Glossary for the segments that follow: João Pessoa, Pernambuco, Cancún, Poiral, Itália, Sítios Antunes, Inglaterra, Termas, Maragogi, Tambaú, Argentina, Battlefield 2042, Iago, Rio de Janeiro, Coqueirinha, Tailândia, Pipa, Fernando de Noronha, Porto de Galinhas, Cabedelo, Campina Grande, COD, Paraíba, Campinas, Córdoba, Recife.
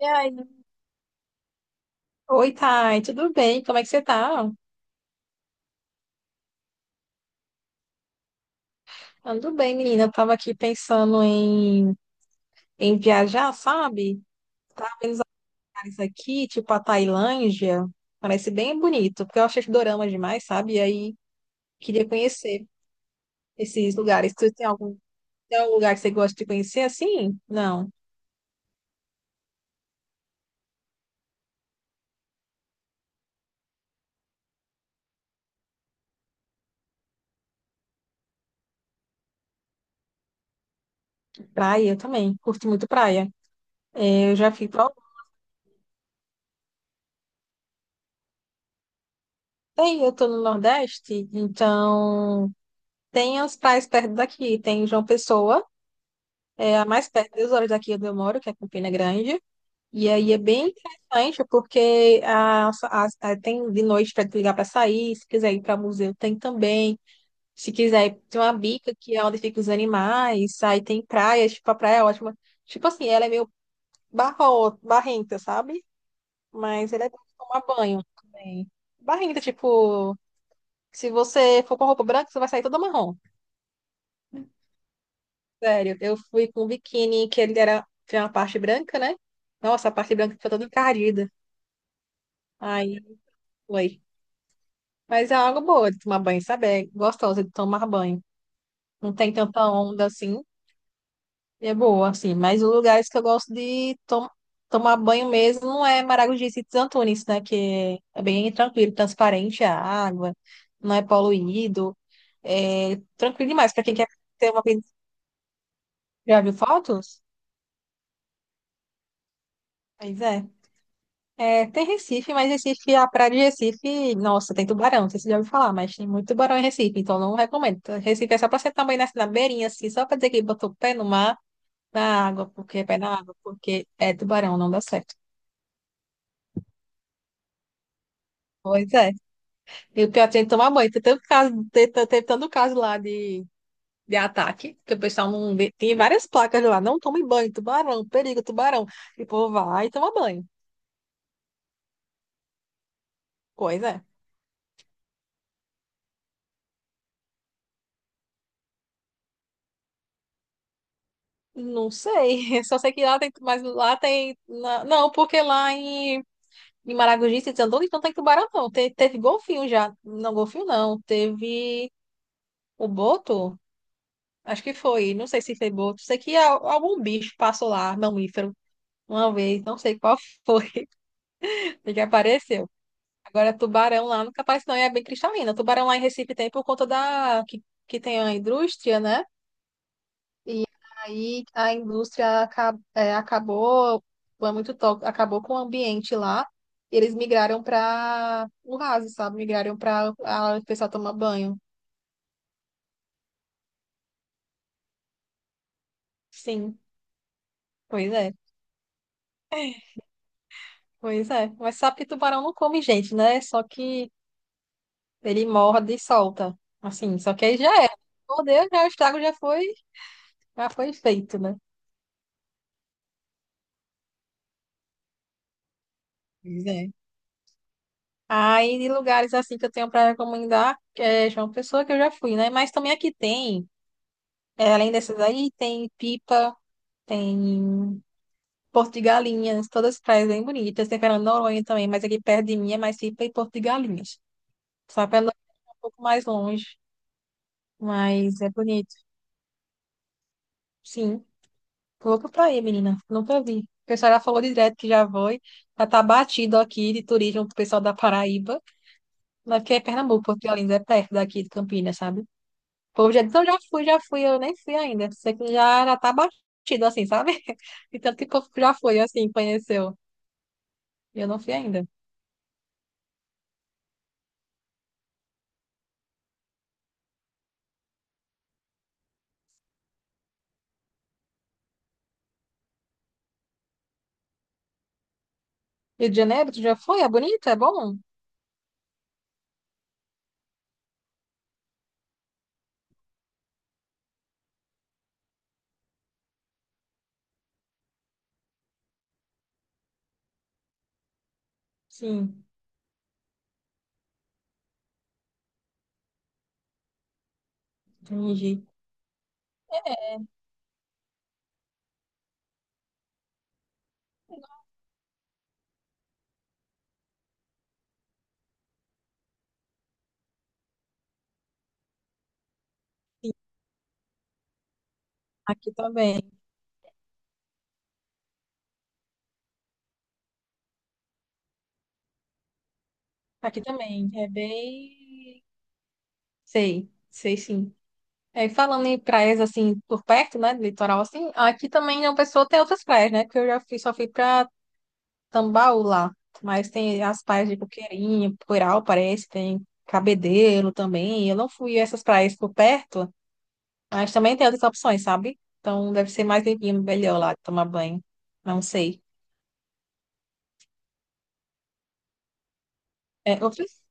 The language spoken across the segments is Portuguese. E aí? Oi, Thay, tudo bem? Como é que você tá? Ando bem, menina. Eu tava aqui pensando em viajar, sabe? Lugares aqui, tipo a Tailândia. Parece bem bonito, porque eu achei dorama demais, sabe? E aí queria conhecer esses lugares. Tu tem tem algum lugar que você gosta de conhecer assim? Não. Praia eu também. Curto muito praia. É, eu já fui pra. Tem, eu tô no Nordeste, então tem as praias perto daqui. Tem João Pessoa. É a mais perto, 2 horas daqui onde eu moro, que é Campina Grande. E aí é bem interessante, porque tem de noite para ligar para sair, se quiser ir para museu, tem também. Se quiser, tem uma bica que é onde ficam os animais, aí tem praia, tipo, a praia é ótima. Tipo assim, ela é meio barrenta, sabe? Mas ela é bom pra tomar banho também. Barrenta, tipo, se você for com roupa branca, você vai sair toda marrom. Sério, eu fui com um biquíni que tinha uma parte branca, né? Nossa, a parte branca ficou toda encardida. Aí foi. Mas é algo boa de tomar banho, sabe? É gostosa de tomar banho. Não tem tanta onda assim. É boa, assim. Mas os lugares que eu gosto de tomar banho mesmo não é Maragogi e Sítios Antunes, né? Que é bem tranquilo, transparente a água, não é poluído. É tranquilo demais para quem quer ter uma vida. Já viu fotos? Pois é. É, tem Recife, mas Recife, a praia de Recife, nossa, tem tubarão, não sei se você já ouviu falar, mas tem muito tubarão em Recife, então não recomendo. Então, Recife é só pra você também nascer na beirinha, assim, só pra dizer que botou o pé no mar, na água, porque é pé na água, porque é tubarão, não dá certo. Pois é. E o pior tem que tomar banho. Tem tanto caso, teve tanto caso lá de ataque, que o pessoal não. vê- tem várias placas lá, não tome banho, tubarão, perigo, tubarão. E o povo vai e toma banho. Pois é. Não sei, só sei que lá tem, não, porque em Maragogi, se desandou, então tem tubarão não, teve golfinho já, não, golfinho não, teve o boto, acho que foi, não sei se foi boto, sei que algum bicho passou lá, mamífero, uma vez, não sei qual foi, que apareceu. Agora tubarão lá nunca aparece não, e é bem cristalina, tubarão lá em Recife tem por conta que tem a indústria, né? Aí a indústria acabou, foi muito tóxico, acabou com o ambiente lá. E eles migraram para o raso, sabe? Migraram para o pessoal tomar banho. Sim, pois é, pois é. Mas sabe que tubarão não come gente, né? Só que ele morde e solta. Assim, só que aí já era. Mordeu, já o estrago já foi feito, né? Pois é. Aí, de lugares assim que eu tenho para recomendar, é João Pessoa, que eu já fui, né? Mas também aqui tem, é, além dessas aí, tem Pipa, tem Porto de Galinhas, todas as praias bem bonitas. Tem Fernando de Noronha também, mas aqui perto de mim é mais Serpa e Porto de Galinhas. Só pelo é um pouco mais longe, mas é bonito. Sim, tô louca pra ir, menina. Nunca vi. O pessoal já falou direto que já foi. Já tá batido aqui de turismo pro pessoal da Paraíba. Mas porque é Pernambuco, Porto de Galinhas é perto daqui de Campinas, sabe? O povo já diz, não, já fui, eu nem fui ainda. Sei que já, já tá batido assim, sabe? E tanto que o povo já foi, assim, conheceu. E eu não fui ainda. Rio de Janeiro, tu já foi? É bonito? É bom? Sim, entendi. Sim, aqui também. Aqui também. É bem. Sei, sei sim. É, falando em praias assim, por perto, né? De litoral assim, aqui também uma pessoa tem outras praias, né? Que eu já fui, só fui pra Tambaú lá. Mas tem as praias de Coqueirinha, Poiral, parece, tem Cabedelo também. Eu não fui a essas praias por perto, mas também tem outras opções, sabe? Então deve ser mais limpinho, melhor lá de tomar banho. Não sei. É, outras.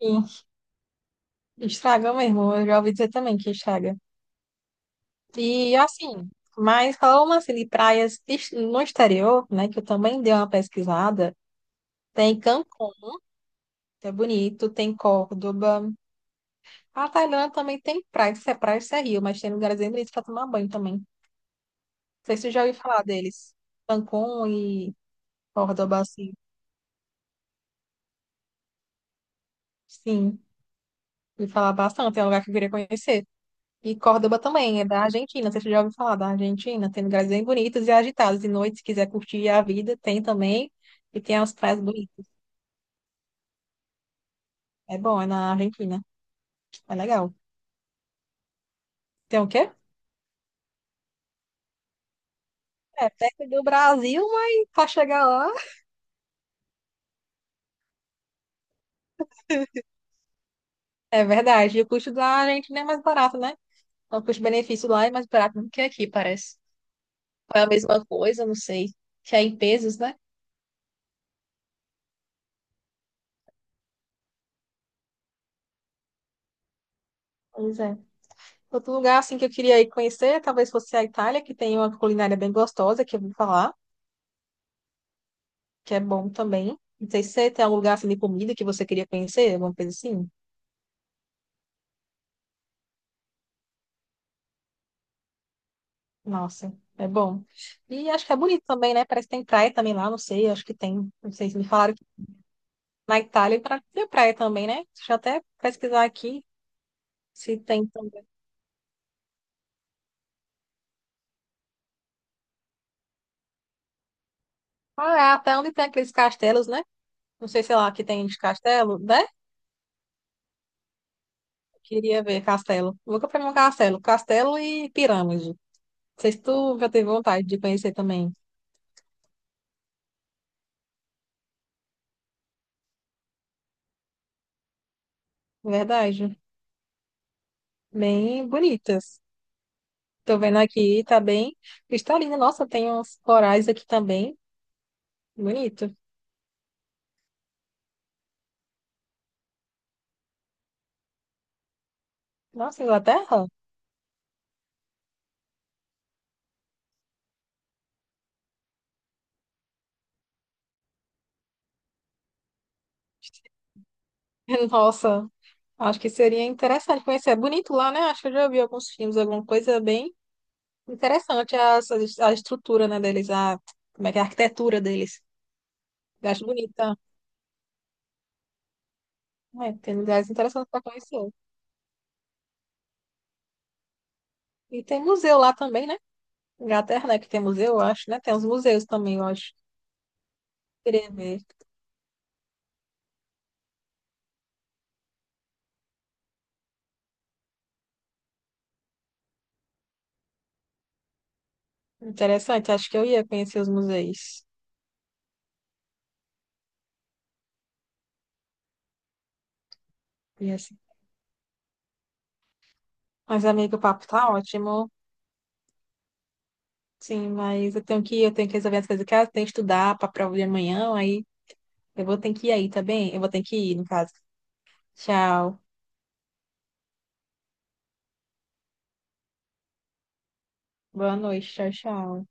Sim, estraga mesmo. Eu já ouvi dizer também que estraga. E assim, mas falando assim de praias no exterior, né, que eu também dei uma pesquisada, tem Cancún, que é bonito, tem Córdoba. A Tailândia também tem praia, se é rio, mas tem lugares bem bonitos para tomar banho também. Não sei se você já ouviu falar deles. Cancún e Córdoba, assim. Sim, ouvi falar bastante, é um lugar que eu queria conhecer. E Córdoba também, é da Argentina. Você já ouviu falar da Argentina? Tem lugares bem bonitos e agitados. De noite, se quiser curtir a vida, tem também. E tem as praias bonitas. É bom, é na Argentina. É legal. Tem o quê? É perto do Brasil, mas para chegar lá. É verdade. E o custo da Argentina é mais barato, né? Então, o custo-benefício lá é mais barato do que aqui, parece. Ou é a mesma coisa, não sei. Que é em pesos, né? Pois é. Outro lugar assim que eu queria ir conhecer, talvez fosse a Itália, que tem uma culinária bem gostosa, que eu vou falar. Que é bom também. Não sei se você tem algum lugar assim de comida que você queria conhecer, alguma coisa assim. Nossa, é bom. E acho que é bonito também, né? Parece que tem praia também lá, não sei, acho que tem. Não sei se me falaram que na Itália tem praia também, né? Deixa eu até pesquisar aqui se tem também. Ah, é até onde tem aqueles castelos, né? Não sei, sei lá, que tem de castelo, né? Queria ver castelo. Nunca fui num castelo. Castelo e pirâmide. Não sei se tu já teve vontade de conhecer também. Verdade. Bem bonitas. Tô vendo aqui, tá bem cristalina. Nossa, tem uns corais aqui também. Bonito. Nossa, Inglaterra? Nossa, acho que seria interessante conhecer. É bonito lá, né? Acho que eu já vi alguns filmes, alguma coisa bem interessante. A estrutura, né, deles, a, como é que é a arquitetura deles. Eu acho bonita. É, tem lugares interessantes para conhecer. E tem museu lá também, né? Inglaterra, né? Que tem museu, eu acho, né? Tem uns museus também, eu acho. Queria ver. Interessante, acho que eu ia conhecer os museus. Mas, amigo, o papo tá ótimo. Sim, mas eu tenho que ir, eu tenho que resolver as coisas de casa, tenho que estudar pra prova de amanhã, aí eu vou ter que ir aí, tá bem? Eu vou ter que ir, no caso. Tchau. Boa noite, tchau, tchau.